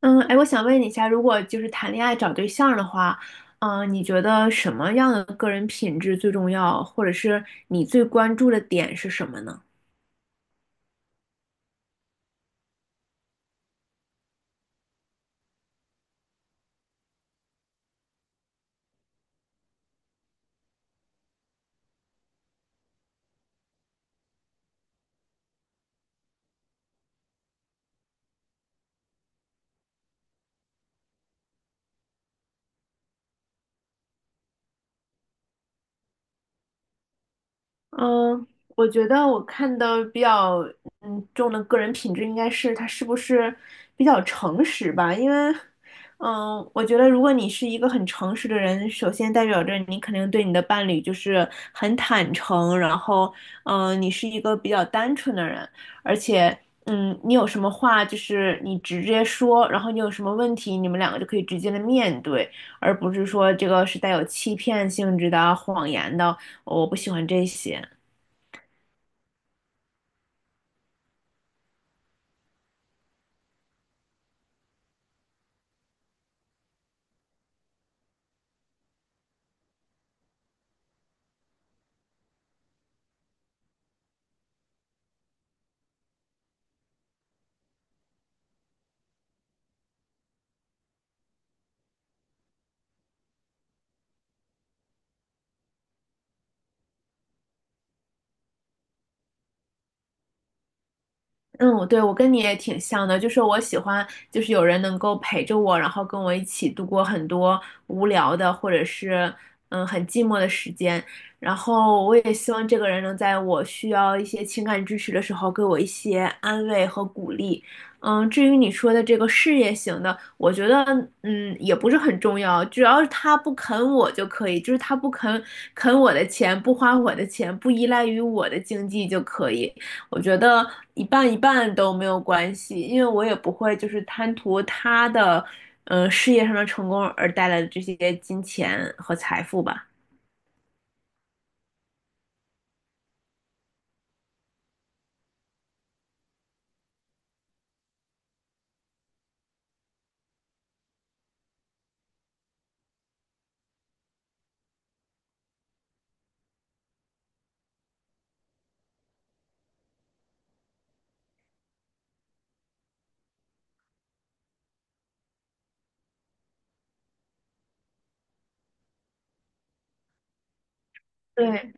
嗯，哎，我想问你一下，如果就是谈恋爱找对象的话，你觉得什么样的个人品质最重要，或者是你最关注的点是什么呢？嗯，我觉得我看的比较重的个人品质应该是他是不是比较诚实吧。因为我觉得如果你是一个很诚实的人，首先代表着你肯定对你的伴侣就是很坦诚，然后你是一个比较单纯的人，而且你有什么话就是你直接说，然后你有什么问题，你们两个就可以直接的面对，而不是说这个是带有欺骗性质的、谎言的，我不喜欢这些。嗯，对，我跟你也挺像的，就是我喜欢，就是有人能够陪着我，然后跟我一起度过很多无聊的或者是很寂寞的时间，然后我也希望这个人能在我需要一些情感支持的时候给我一些安慰和鼓励。嗯，至于你说的这个事业型的，我觉得也不是很重要，只要是他不啃我就可以，就是他不啃我的钱，不花我的钱，不依赖于我的经济就可以。我觉得一半一半都没有关系，因为我也不会就是贪图他的，事业上的成功而带来的这些金钱和财富吧。对，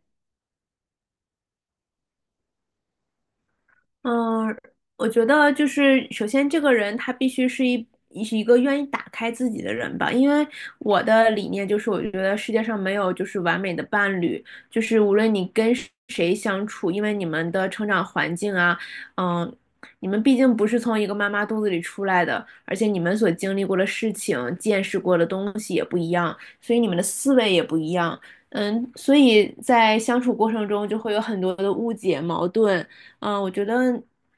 嗯，我觉得就是首先这个人他必须是一是一个愿意打开自己的人吧。因为我的理念就是，我觉得世界上没有就是完美的伴侣，就是无论你跟谁相处，因为你们的成长环境啊，嗯，你们毕竟不是从一个妈妈肚子里出来的，而且你们所经历过的事情、见识过的东西也不一样，所以你们的思维也不一样，嗯，所以在相处过程中就会有很多的误解、矛盾。我觉得，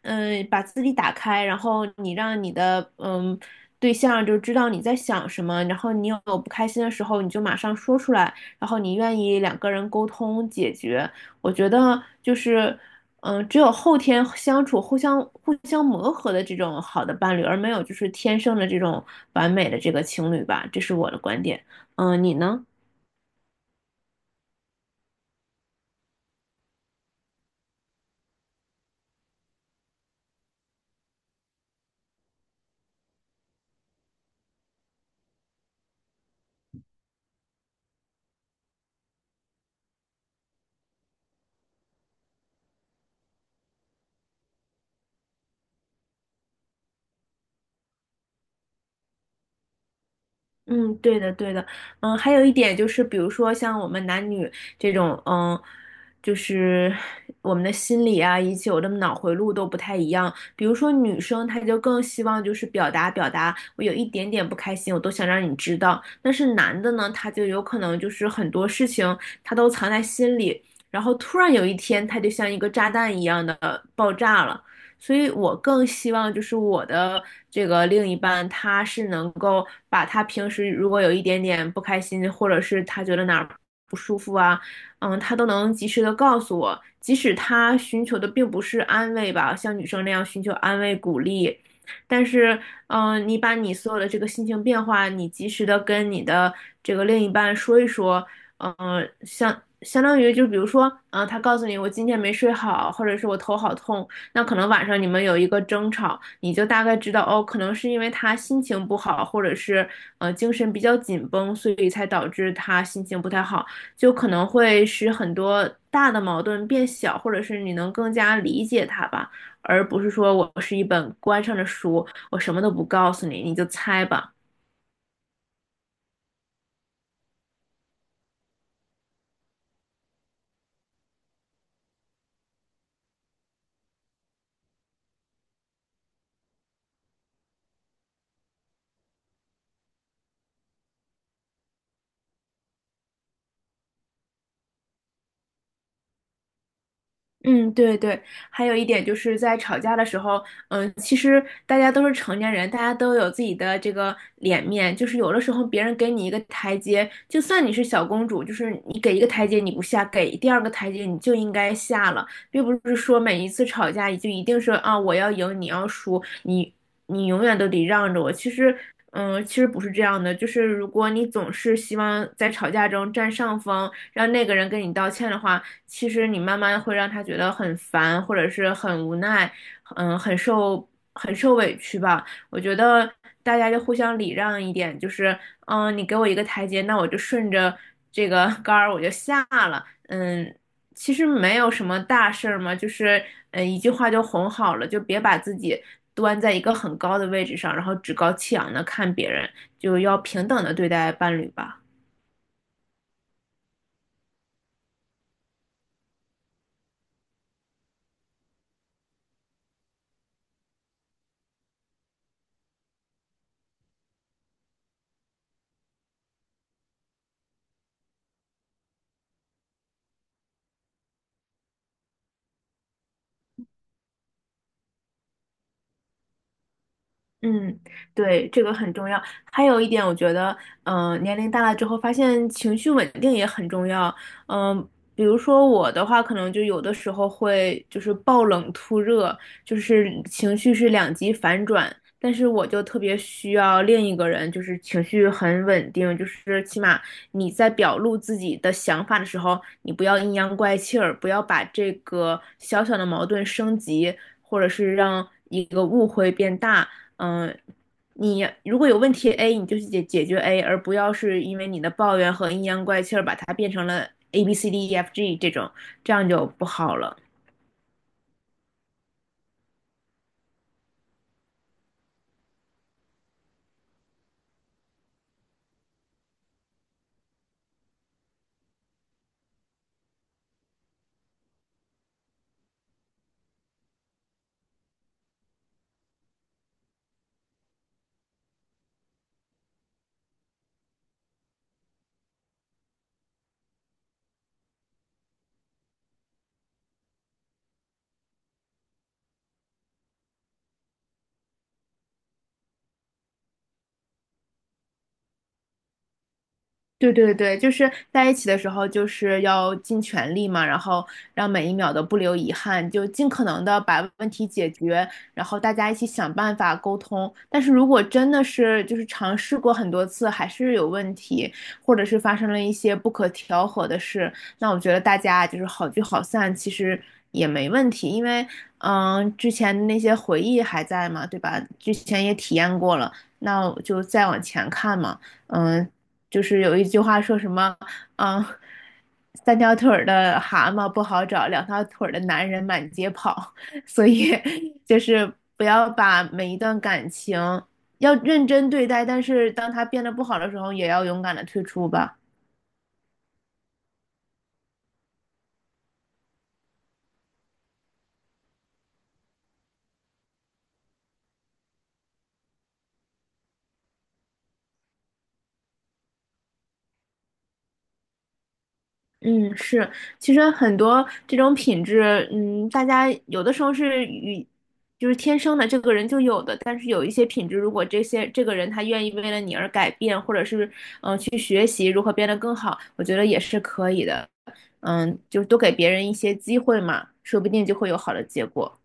嗯、把自己打开，然后你让你的对象就知道你在想什么，然后你有不开心的时候，你就马上说出来，然后你愿意两个人沟通解决。我觉得就是，只有后天相处、互相磨合的这种好的伴侣，而没有就是天生的这种完美的这个情侣吧，这是我的观点。你呢？嗯，对的，对的。嗯，还有一点就是，比如说像我们男女这种，嗯，就是我们的心理啊，以及我的脑回路都不太一样。比如说女生，她就更希望就是表达表达，我有一点点不开心，我都想让你知道。但是男的呢，他就有可能就是很多事情他都藏在心里，然后突然有一天，他就像一个炸弹一样的爆炸了。所以我更希望就是我的这个另一半，他是能够把他平时如果有一点点不开心，或者是他觉得哪儿不舒服啊，嗯，他都能及时的告诉我，即使他寻求的并不是安慰吧，像女生那样寻求安慰鼓励。但是,你把你所有的这个心情变化，你及时的跟你的这个另一半说一说。嗯、相相当于就比如说，他告诉你我今天没睡好，或者是我头好痛，那可能晚上你们有一个争吵，你就大概知道哦，可能是因为他心情不好，或者是精神比较紧绷，所以才导致他心情不太好，就可能会使很多大的矛盾变小，或者是你能更加理解他吧，而不是说我是一本关上的书，我什么都不告诉你，你就猜吧。嗯，对对，还有一点就是在吵架的时候，嗯，其实大家都是成年人，大家都有自己的这个脸面，就是有的时候别人给你一个台阶，就算你是小公主，就是你给一个台阶你不下，给第二个台阶你就应该下了。并不是说每一次吵架你就一定是啊我要赢你要输，你永远都得让着我。其实，嗯、其实不是这样的，就是如果你总是希望在吵架中占上风，让那个人跟你道歉的话，其实你慢慢会让他觉得很烦，或者是很无奈，嗯，很受委屈吧。我觉得大家就互相礼让一点，就是你给我一个台阶，那我就顺着这个 杆儿我就下了，嗯。其实没有什么大事儿嘛，就是一句话就哄好了，就别把自己端在一个很高的位置上，然后趾高气扬的看别人，就要平等的对待伴侣吧。嗯，对，这个很重要。还有一点，我觉得，年龄大了之后，发现情绪稳定也很重要。嗯、比如说我的话，可能就有的时候会就是暴冷突热，就是情绪是两极反转。但是我就特别需要另一个人，就是情绪很稳定，就是起码你在表露自己的想法的时候，你不要阴阳怪气儿，不要把这个小小的矛盾升级，或者是让一个误会变大。嗯，你如果有问题 A，你就去解决 A，而不要是因为你的抱怨和阴阳怪气儿把它变成了 A B C D E F G 这种，这样就不好了。对对对，就是在一起的时候，就是要尽全力嘛，然后让每一秒都不留遗憾，就尽可能的把问题解决，然后大家一起想办法沟通。但是如果真的是就是尝试过很多次还是有问题，或者是发生了一些不可调和的事，那我觉得大家就是好聚好散，其实也没问题。因为之前那些回忆还在嘛，对吧？之前也体验过了，那我就再往前看嘛。嗯，就是有一句话说什么，嗯，三条腿儿的蛤蟆不好找，两条腿儿的男人满街跑，所以就是不要把每一段感情要认真对待，但是当它变得不好的时候，也要勇敢的退出吧。嗯，是，其实很多这种品质，嗯，大家有的时候是就是天生的，这个人就有的。但是有一些品质，如果这些这个人他愿意为了你而改变，或者是去学习如何变得更好，我觉得也是可以的。嗯，就是多给别人一些机会嘛，说不定就会有好的结果。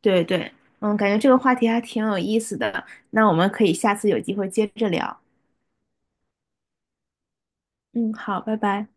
对对，嗯，感觉这个话题还挺有意思的，那我们可以下次有机会接着聊。嗯，好，拜拜。